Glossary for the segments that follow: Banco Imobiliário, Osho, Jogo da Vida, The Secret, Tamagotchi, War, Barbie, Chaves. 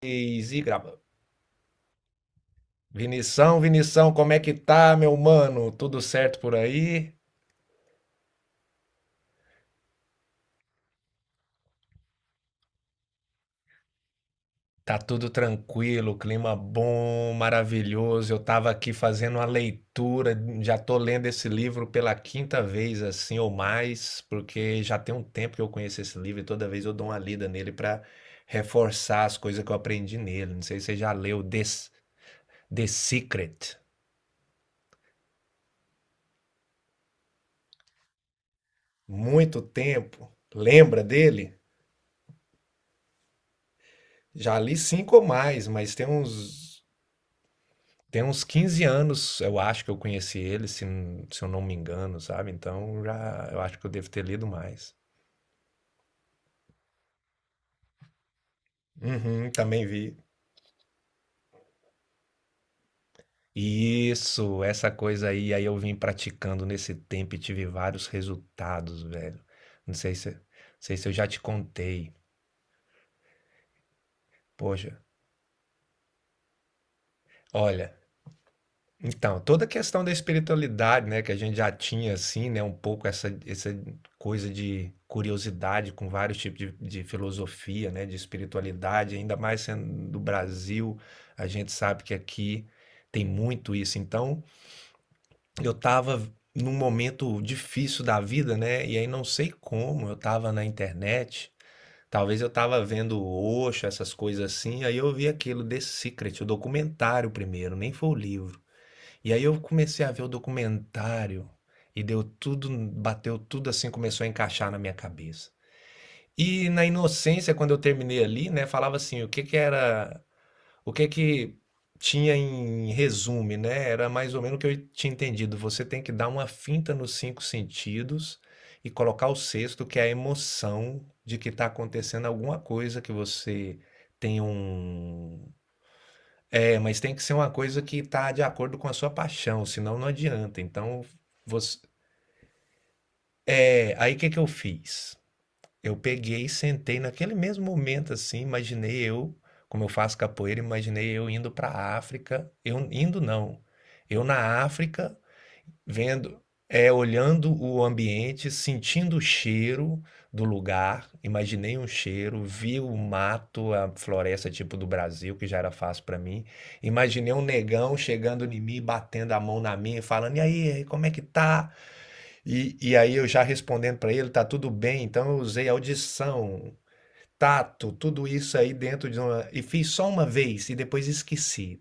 E grava. Vinição, Vinição, como é que tá, meu mano? Tudo certo por aí? Tá tudo tranquilo, clima bom, maravilhoso. Eu tava aqui fazendo uma leitura, já tô lendo esse livro pela quinta vez, assim ou mais, porque já tem um tempo que eu conheço esse livro e toda vez eu dou uma lida nele pra reforçar as coisas que eu aprendi nele. Não sei se você já leu The Secret. Muito tempo. Lembra dele? Já li cinco ou mais, Tem uns 15 anos, eu acho que eu conheci ele, se eu não me engano, sabe? Então já eu acho que eu devo ter lido mais. Uhum, também vi. Isso, essa coisa aí, aí eu vim praticando nesse tempo e tive vários resultados, velho. Não sei se eu já te contei. Poxa, olha. Então, toda a questão da espiritualidade, né, que a gente já tinha assim, né, um pouco essa coisa de curiosidade com vários tipos de filosofia, né, de espiritualidade, ainda mais sendo do Brasil, a gente sabe que aqui tem muito isso. Então, eu estava num momento difícil da vida, né, e aí não sei como, eu estava na internet, talvez eu estava vendo o Osho, essas coisas assim, aí eu vi aquilo The Secret, o documentário primeiro, nem foi o livro. E aí eu comecei a ver o documentário e deu tudo, bateu tudo assim, começou a encaixar na minha cabeça. E na inocência, quando eu terminei ali, né, falava assim, o que que era, o que que tinha em resumo, né? Era mais ou menos o que eu tinha entendido. Você tem que dar uma finta nos cinco sentidos e colocar o sexto, que é a emoção de que está acontecendo alguma coisa que você tem um, é, mas tem que ser uma coisa que tá de acordo com a sua paixão, senão não adianta. Então, você... É, aí o que que eu fiz? Eu peguei e sentei naquele mesmo momento, assim, imaginei eu, como eu faço capoeira, imaginei eu indo pra África. Eu indo não. Eu na África, vendo é olhando o ambiente, sentindo o cheiro do lugar. Imaginei um cheiro, vi o mato, a floresta tipo do Brasil, que já era fácil para mim. Imaginei um negão chegando em mim, batendo a mão na minha, e falando: "E aí, como é que tá?" E aí eu já respondendo para ele: "Tá tudo bem". Então eu usei audição, tato, tudo isso aí dentro de uma e fiz só uma vez e depois esqueci.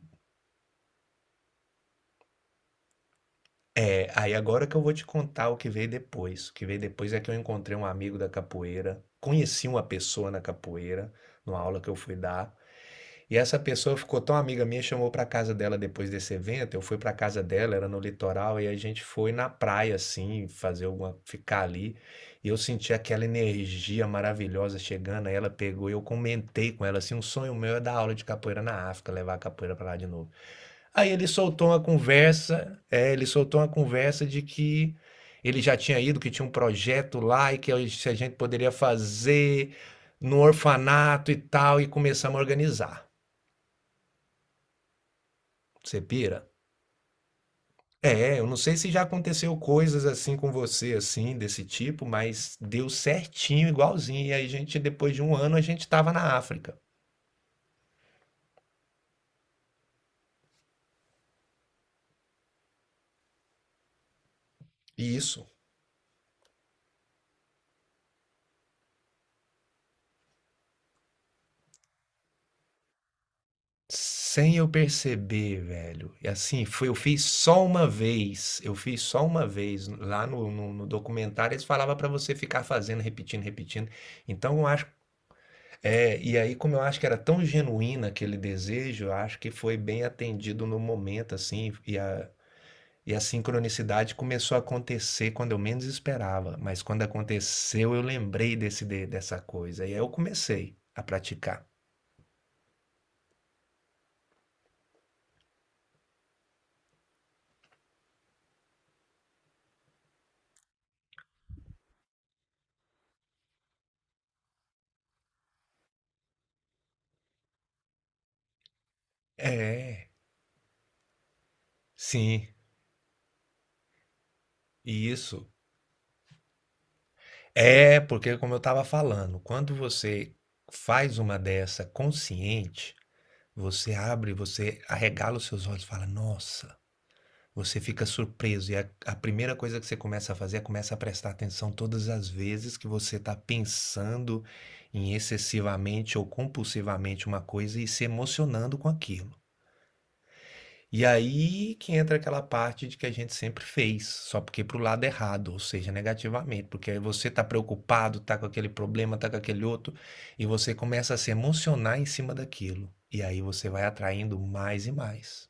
É, aí agora que eu vou te contar o que veio depois. O que veio depois é que eu encontrei um amigo da capoeira, conheci uma pessoa na capoeira, numa aula que eu fui dar, e essa pessoa ficou tão amiga minha, chamou para casa dela depois desse evento. Eu fui para casa dela, era no litoral, e a gente foi na praia assim, fazer alguma, ficar ali. E eu senti aquela energia maravilhosa chegando, aí ela pegou e eu comentei com ela assim, um sonho meu é dar aula de capoeira na África, levar a capoeira para lá de novo. Aí ele soltou uma conversa, é, ele soltou uma conversa de que ele já tinha ido, que tinha um projeto lá e que a gente poderia fazer no orfanato e tal, e começamos a organizar. Você pira? É, eu não sei se já aconteceu coisas assim com você, assim, desse tipo, mas deu certinho, igualzinho. E aí a gente, depois de 1 ano, a gente estava na África. Isso. Sem eu perceber, velho. E assim, foi eu fiz só uma vez, eu fiz só uma vez. Lá no documentário eles falava pra você ficar fazendo, repetindo, repetindo. Então eu acho é, e aí como eu acho que era tão genuíno aquele desejo, eu acho que foi bem atendido no momento, assim, e a sincronicidade começou a acontecer quando eu menos esperava, mas quando aconteceu eu lembrei desse de dessa coisa, e aí eu comecei a praticar. É, sim, e isso. É, porque como eu estava falando, quando você faz uma dessa consciente, você abre, você arregala os seus olhos e fala, nossa, você fica surpreso. A primeira coisa que você começa a fazer é começa a prestar atenção todas as vezes que você está pensando em excessivamente ou compulsivamente uma coisa e se emocionando com aquilo. E aí que entra aquela parte de que a gente sempre fez, só porque pro lado errado, ou seja, negativamente, porque aí você tá preocupado, tá com aquele problema, tá com aquele outro, e você começa a se emocionar em cima daquilo. E aí você vai atraindo mais e mais.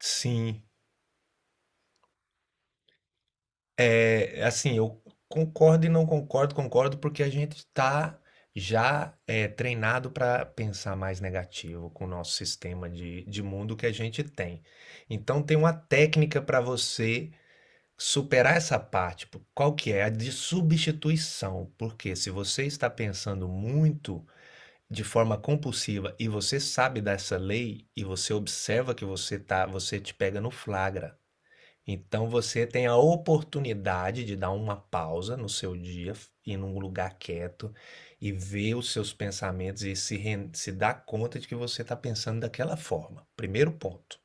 Sim, é assim, eu concordo e não concordo, concordo porque a gente tá já é, treinado para pensar mais negativo com o nosso sistema de mundo que a gente tem. Então tem uma técnica para você superar essa parte, qual que é? A de substituição. Porque se você está pensando muito de forma compulsiva e você sabe dessa lei e você observa que você tá, você te pega no flagra. Então você tem a oportunidade de dar uma pausa no seu dia, ir num lugar quieto e ver os seus pensamentos e se dar conta de que você está pensando daquela forma. Primeiro ponto.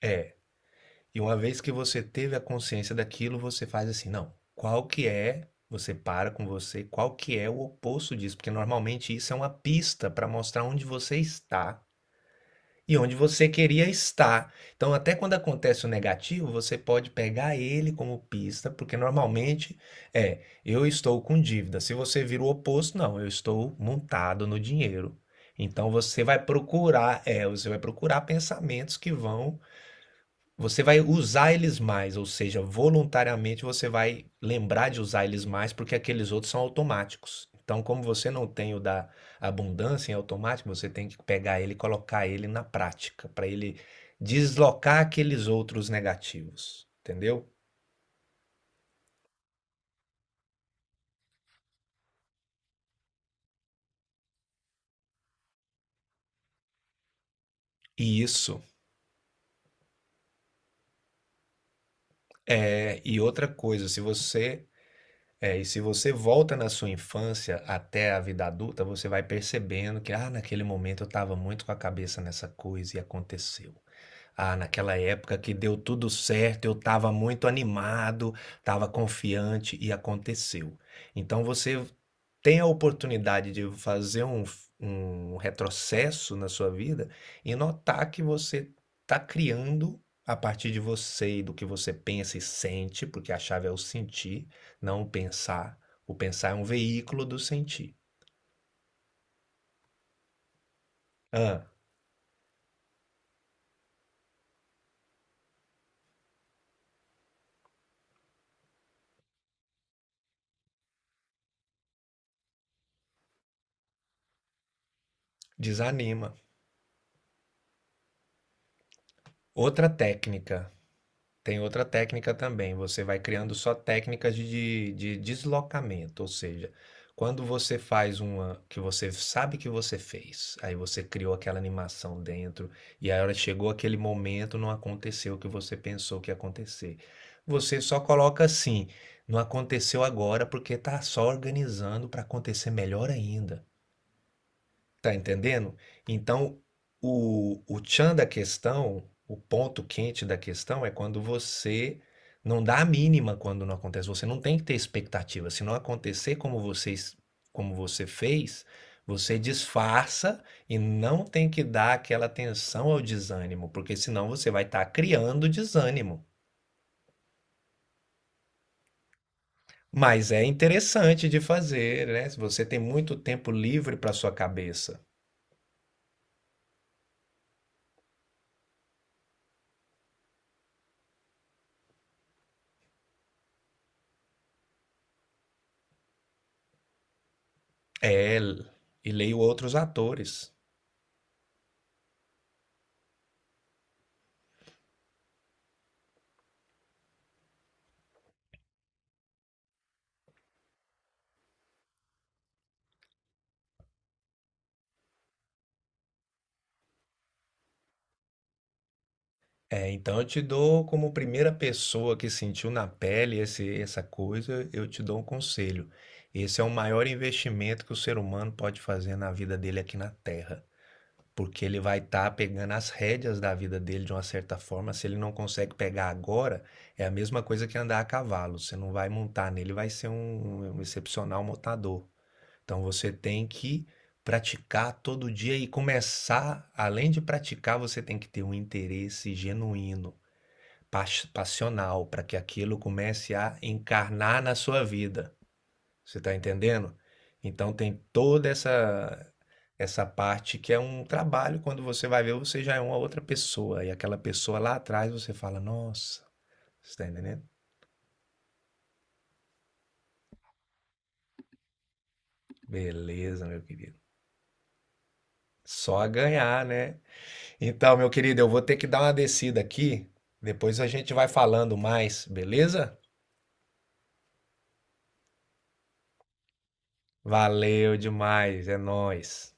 É, e uma vez que você teve a consciência daquilo, você faz assim, não, qual que é, você para com você, qual que é o oposto disso, porque normalmente isso é uma pista para mostrar onde você está e onde você queria estar. Então, até quando acontece o negativo, você pode pegar ele como pista, porque normalmente é, eu estou com dívida. Se você vira o oposto, não, eu estou montado no dinheiro. Então você vai procurar, é, você vai procurar pensamentos que vão você vai usar eles mais, ou seja, voluntariamente você vai lembrar de usar eles mais, porque aqueles outros são automáticos. Então, como você não tem o da abundância em automático, você tem que pegar ele e colocar ele na prática, para ele deslocar aqueles outros negativos, entendeu? E isso e outra coisa, se você é, e se você volta na sua infância até a vida adulta, você vai percebendo que ah, naquele momento eu estava muito com a cabeça nessa coisa e aconteceu. Ah, naquela época que deu tudo certo, eu estava muito animado, estava confiante e aconteceu. Então você tem a oportunidade de fazer um retrocesso na sua vida e notar que você está criando a partir de você e do que você pensa e sente, porque a chave é o sentir, não o pensar. O pensar é um veículo do sentir. Ah, desanima. Outra técnica Tem outra técnica também, você vai criando só técnicas de deslocamento, ou seja, quando você faz uma que você sabe que você fez, aí você criou aquela animação dentro, e aí a hora chegou aquele momento, não aconteceu o que você pensou que ia acontecer. Você só coloca assim: "Não aconteceu agora, porque tá só organizando para acontecer melhor ainda". Tá entendendo? Então, o tchan da questão, o ponto quente da questão é quando você não dá a mínima quando não acontece. Você não tem que ter expectativa. Se não acontecer como você fez, você disfarça e não tem que dar aquela atenção ao desânimo, porque senão você vai estar criando desânimo. Mas é interessante de fazer, né? Se você tem muito tempo livre para sua cabeça. É, e leio outros atores. É, então eu te dou como primeira pessoa que sentiu na pele essa coisa, eu te dou um conselho. Esse é o maior investimento que o ser humano pode fazer na vida dele aqui na Terra, porque ele vai estar pegando as rédeas da vida dele de uma certa forma. Se ele não consegue pegar agora, é a mesma coisa que andar a cavalo. Você não vai montar nele, vai ser um excepcional montador. Então você tem que praticar todo dia e começar, além de praticar, você tem que ter um interesse genuíno passional, para que aquilo comece a encarnar na sua vida. Você está entendendo? Então tem toda essa parte que é um trabalho, quando você vai ver, você já é uma outra pessoa. E aquela pessoa lá atrás, você fala, nossa, você está entendendo? Beleza, meu querido. Só a ganhar, né? Então, meu querido, eu vou ter que dar uma descida aqui. Depois a gente vai falando mais, beleza? Valeu demais, é nóis.